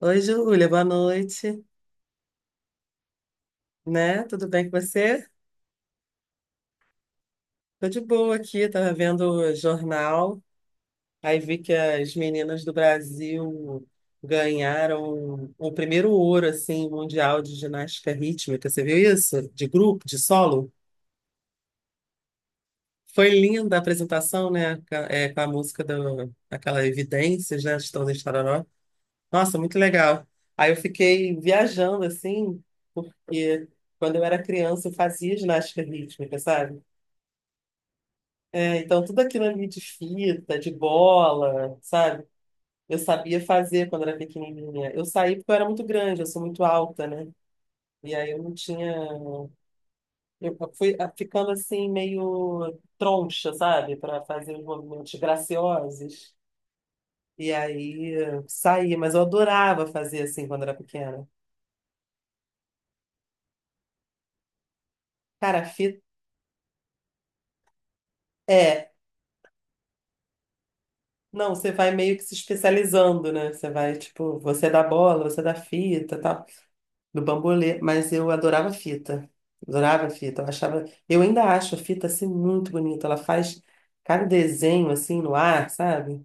Oi, Júlia, boa noite, né? Tudo bem com você? Tô de boa aqui, tava vendo o jornal, aí vi que as meninas do Brasil ganharam o primeiro ouro, assim, mundial de ginástica rítmica, você viu isso? De grupo, de solo? Foi linda a apresentação, né? Com a música do, aquela Evidências, né? Estão de Tororó. Nossa, muito legal. Aí eu fiquei viajando, assim, porque quando eu era criança eu fazia ginástica rítmica, sabe? É, então, tudo aquilo ali de fita, de bola, sabe? Eu sabia fazer quando era pequenininha. Eu saí porque eu era muito grande, eu sou muito alta, né? E aí eu não tinha. Eu fui ficando assim, meio troncha, sabe? Para fazer os movimentos graciosos. E aí saí, mas eu adorava fazer assim quando era pequena. Cara, a fita. É. Não, você vai meio que se especializando, né? Você vai, tipo, você dá bola, você dá fita, tal. Do bambolê, mas eu adorava fita. Adorava fita. Eu achava, eu ainda acho a fita assim muito bonita. Ela faz cada desenho assim no ar, sabe?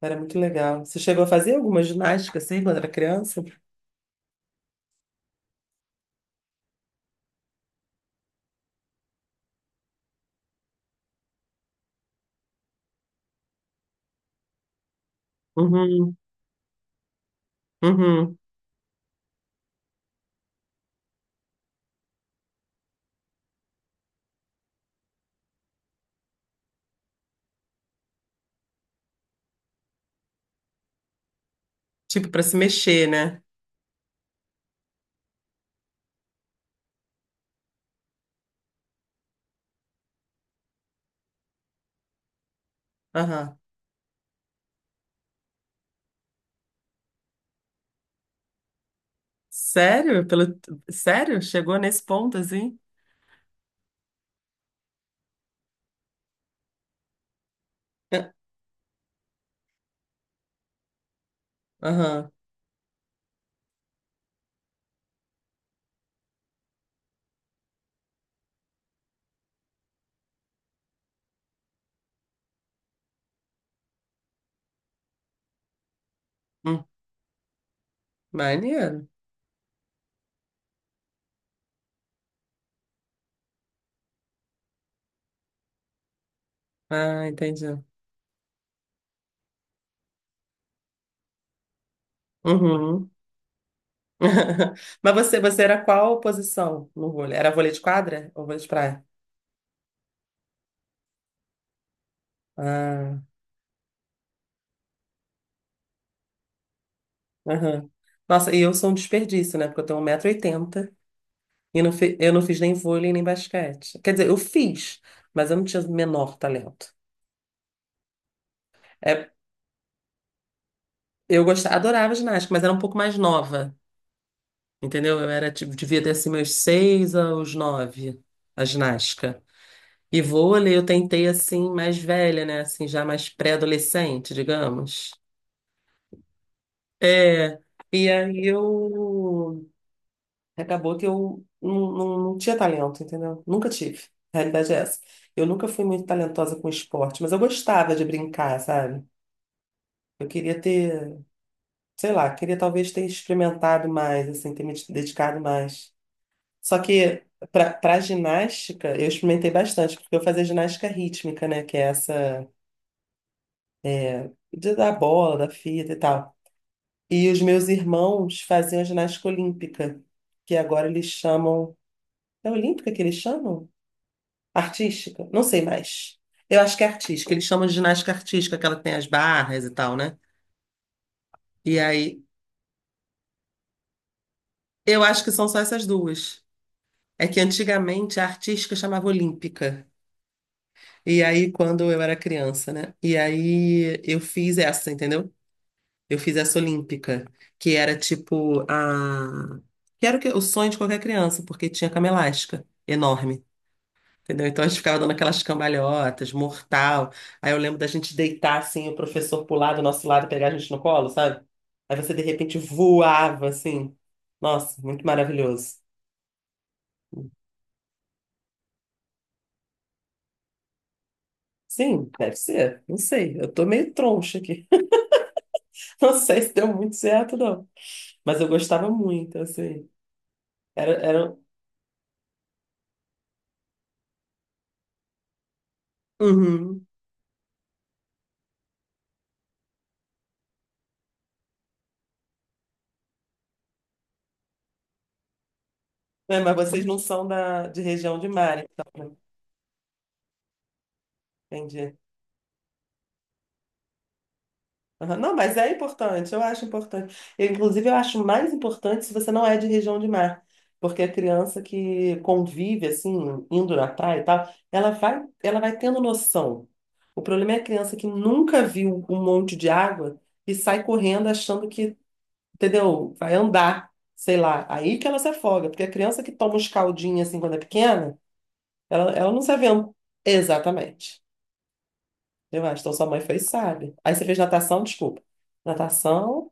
Era muito legal. Você chegou a fazer alguma ginástica assim quando era criança? Uhum, uhum. Tipo para se mexer, né? Aham. Sério? Pelo... Sério? Chegou nesse ponto assim? É. Aham. Hum, maneiro. Ah, entendi. Uhum. Mas você era qual posição no vôlei? Era vôlei de quadra ou vôlei de praia? Ah, aham. Nossa, e eu sou um desperdício, né? Porque eu tenho 1,80 m e oitenta e eu não fiz nem vôlei nem basquete. Quer dizer, eu fiz, mas eu não tinha o menor talento. É, eu gostava, adorava ginástica, mas era um pouco mais nova, entendeu? Eu era, tipo, devia ter assim meus seis aos nove, a ginástica. E vôlei eu tentei assim, mais velha, né? Assim, já mais pré-adolescente, digamos. É, e aí eu. Acabou que eu não tinha talento, entendeu? Nunca tive. A realidade é essa. Eu nunca fui muito talentosa com esporte, mas eu gostava de brincar, sabe? Eu queria ter, sei lá, queria talvez ter experimentado mais, assim, ter me dedicado mais. Só que pra ginástica, eu experimentei bastante, porque eu fazia ginástica rítmica, né? Que é essa da bola, da fita e tal. E os meus irmãos faziam ginástica olímpica, que agora eles chamam. É olímpica que eles chamam? Artística? Não sei mais. Eu acho que é artística. Eles chamam de ginástica artística, aquela que tem as barras e tal, né? E aí, eu acho que são só essas duas. É que antigamente a artística chamava olímpica. E aí, quando eu era criança, né? E aí, eu fiz essa, entendeu? Eu fiz essa olímpica, que era tipo a... Que era o, que... O sonho de qualquer criança, porque tinha cama elástica enorme. Entendeu? Então a gente ficava dando aquelas cambalhotas, mortal. Aí eu lembro da gente deitar assim, o professor pular do nosso lado, e pegar a gente no colo, sabe? Aí você de repente voava assim. Nossa, muito maravilhoso. Sim, deve ser. Não sei. Eu tô meio troncha aqui. Não sei se deu muito certo, não. Mas eu gostava muito, assim. Era, era... um, Uhum. É, mas vocês não são da, de região de mar, então. Né? Entendi. Aham. Não, mas é importante, eu acho importante. Eu, inclusive, eu acho mais importante se você não é de região de mar, porque a criança que convive, assim, indo na praia e tal, ela vai tendo noção. O problema é a criança que nunca viu um monte de água e sai correndo achando que, entendeu, vai andar, sei lá. Aí que ela se afoga, porque a criança que toma uns caldinhos, assim, quando é pequena, ela não se aventa. Exatamente. Eu acho, então sua mãe fez, sabe. Aí você fez natação, desculpa. Natação.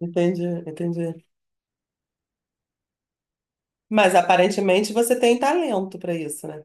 Entendi, entendi. Mas aparentemente você tem talento para isso, né?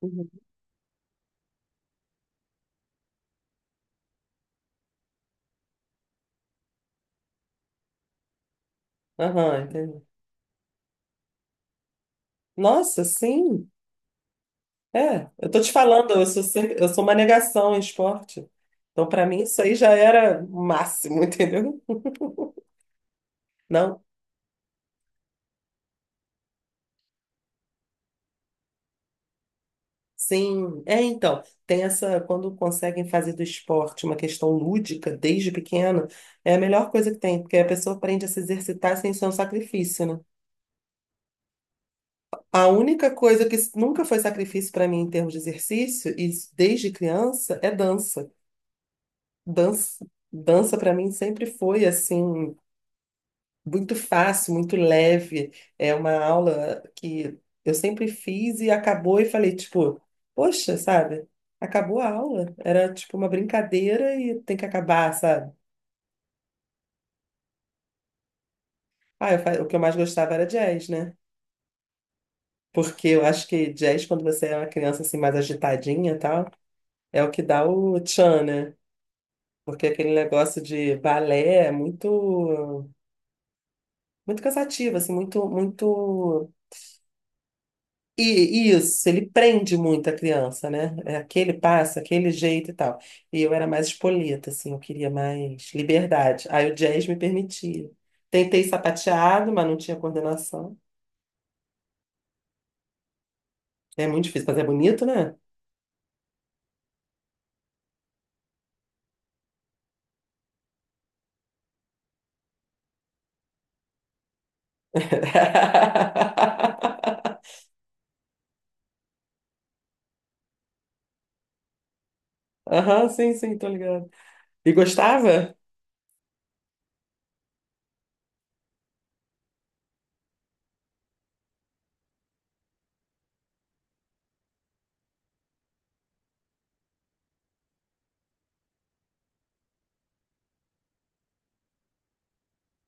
Uhum. Aham, entendi. Nossa, sim. É, eu tô te falando, eu sou, eu sou uma negação em esporte. Então, para mim, isso aí já era o máximo, entendeu? Não? Sim. É, então, tem essa, quando conseguem fazer do esporte uma questão lúdica desde pequeno, é a melhor coisa que tem, porque a pessoa aprende a se exercitar sem ser um sacrifício, né? A única coisa que nunca foi sacrifício para mim em termos de exercício, e isso desde criança, é dança. Dança, dança para mim sempre foi assim muito fácil, muito leve. É uma aula que eu sempre fiz e acabou e falei tipo, poxa, sabe? Acabou a aula. Era tipo uma brincadeira e tem que acabar, sabe? Ah, o que eu mais gostava era jazz, né? Porque eu acho que jazz, quando você é uma criança assim mais agitadinha e tal, é o que dá o tchan, né? Porque aquele negócio de balé é muito, muito cansativo, assim, muito, muito. E e isso, ele prende muito a criança, né? É aquele passo, aquele jeito e tal. E eu era mais espoleta, assim, eu queria mais liberdade. Aí o jazz me permitia. Tentei sapateado, mas não tinha coordenação. É muito difícil, mas é bonito, né? Aham, sim, sim, tô ligado. E gostava?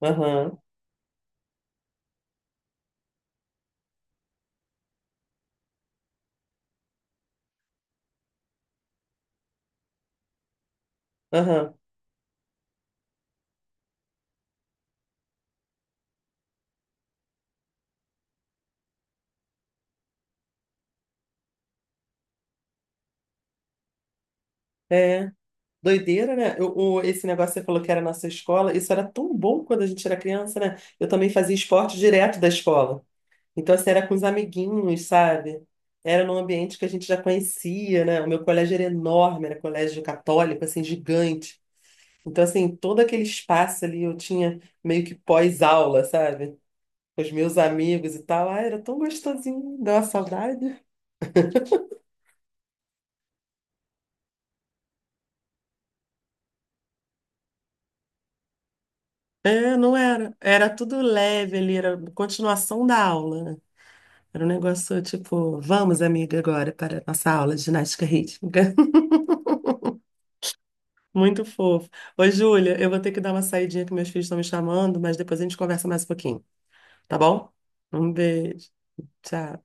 Aham, aham. É. Doideira, né? Esse negócio que você falou que era na sua escola, isso era tão bom quando a gente era criança, né? Eu também fazia esporte direto da escola. Então, assim, era com os amiguinhos, sabe? Era num ambiente que a gente já conhecia, né? O meu colégio era enorme, era colégio católico, assim, gigante. Então, assim, todo aquele espaço ali eu tinha meio que pós-aula, sabe? Com os meus amigos e tal. Ah, era tão gostosinho, deu uma saudade. É, não era. Era tudo leve ali, era continuação da aula. Era um negócio tipo, vamos, amiga, agora para a nossa aula de ginástica rítmica. Muito fofo. Oi, Júlia, eu vou ter que dar uma saidinha que meus filhos estão me chamando, mas depois a gente conversa mais um pouquinho, tá bom? Um beijo. Tchau.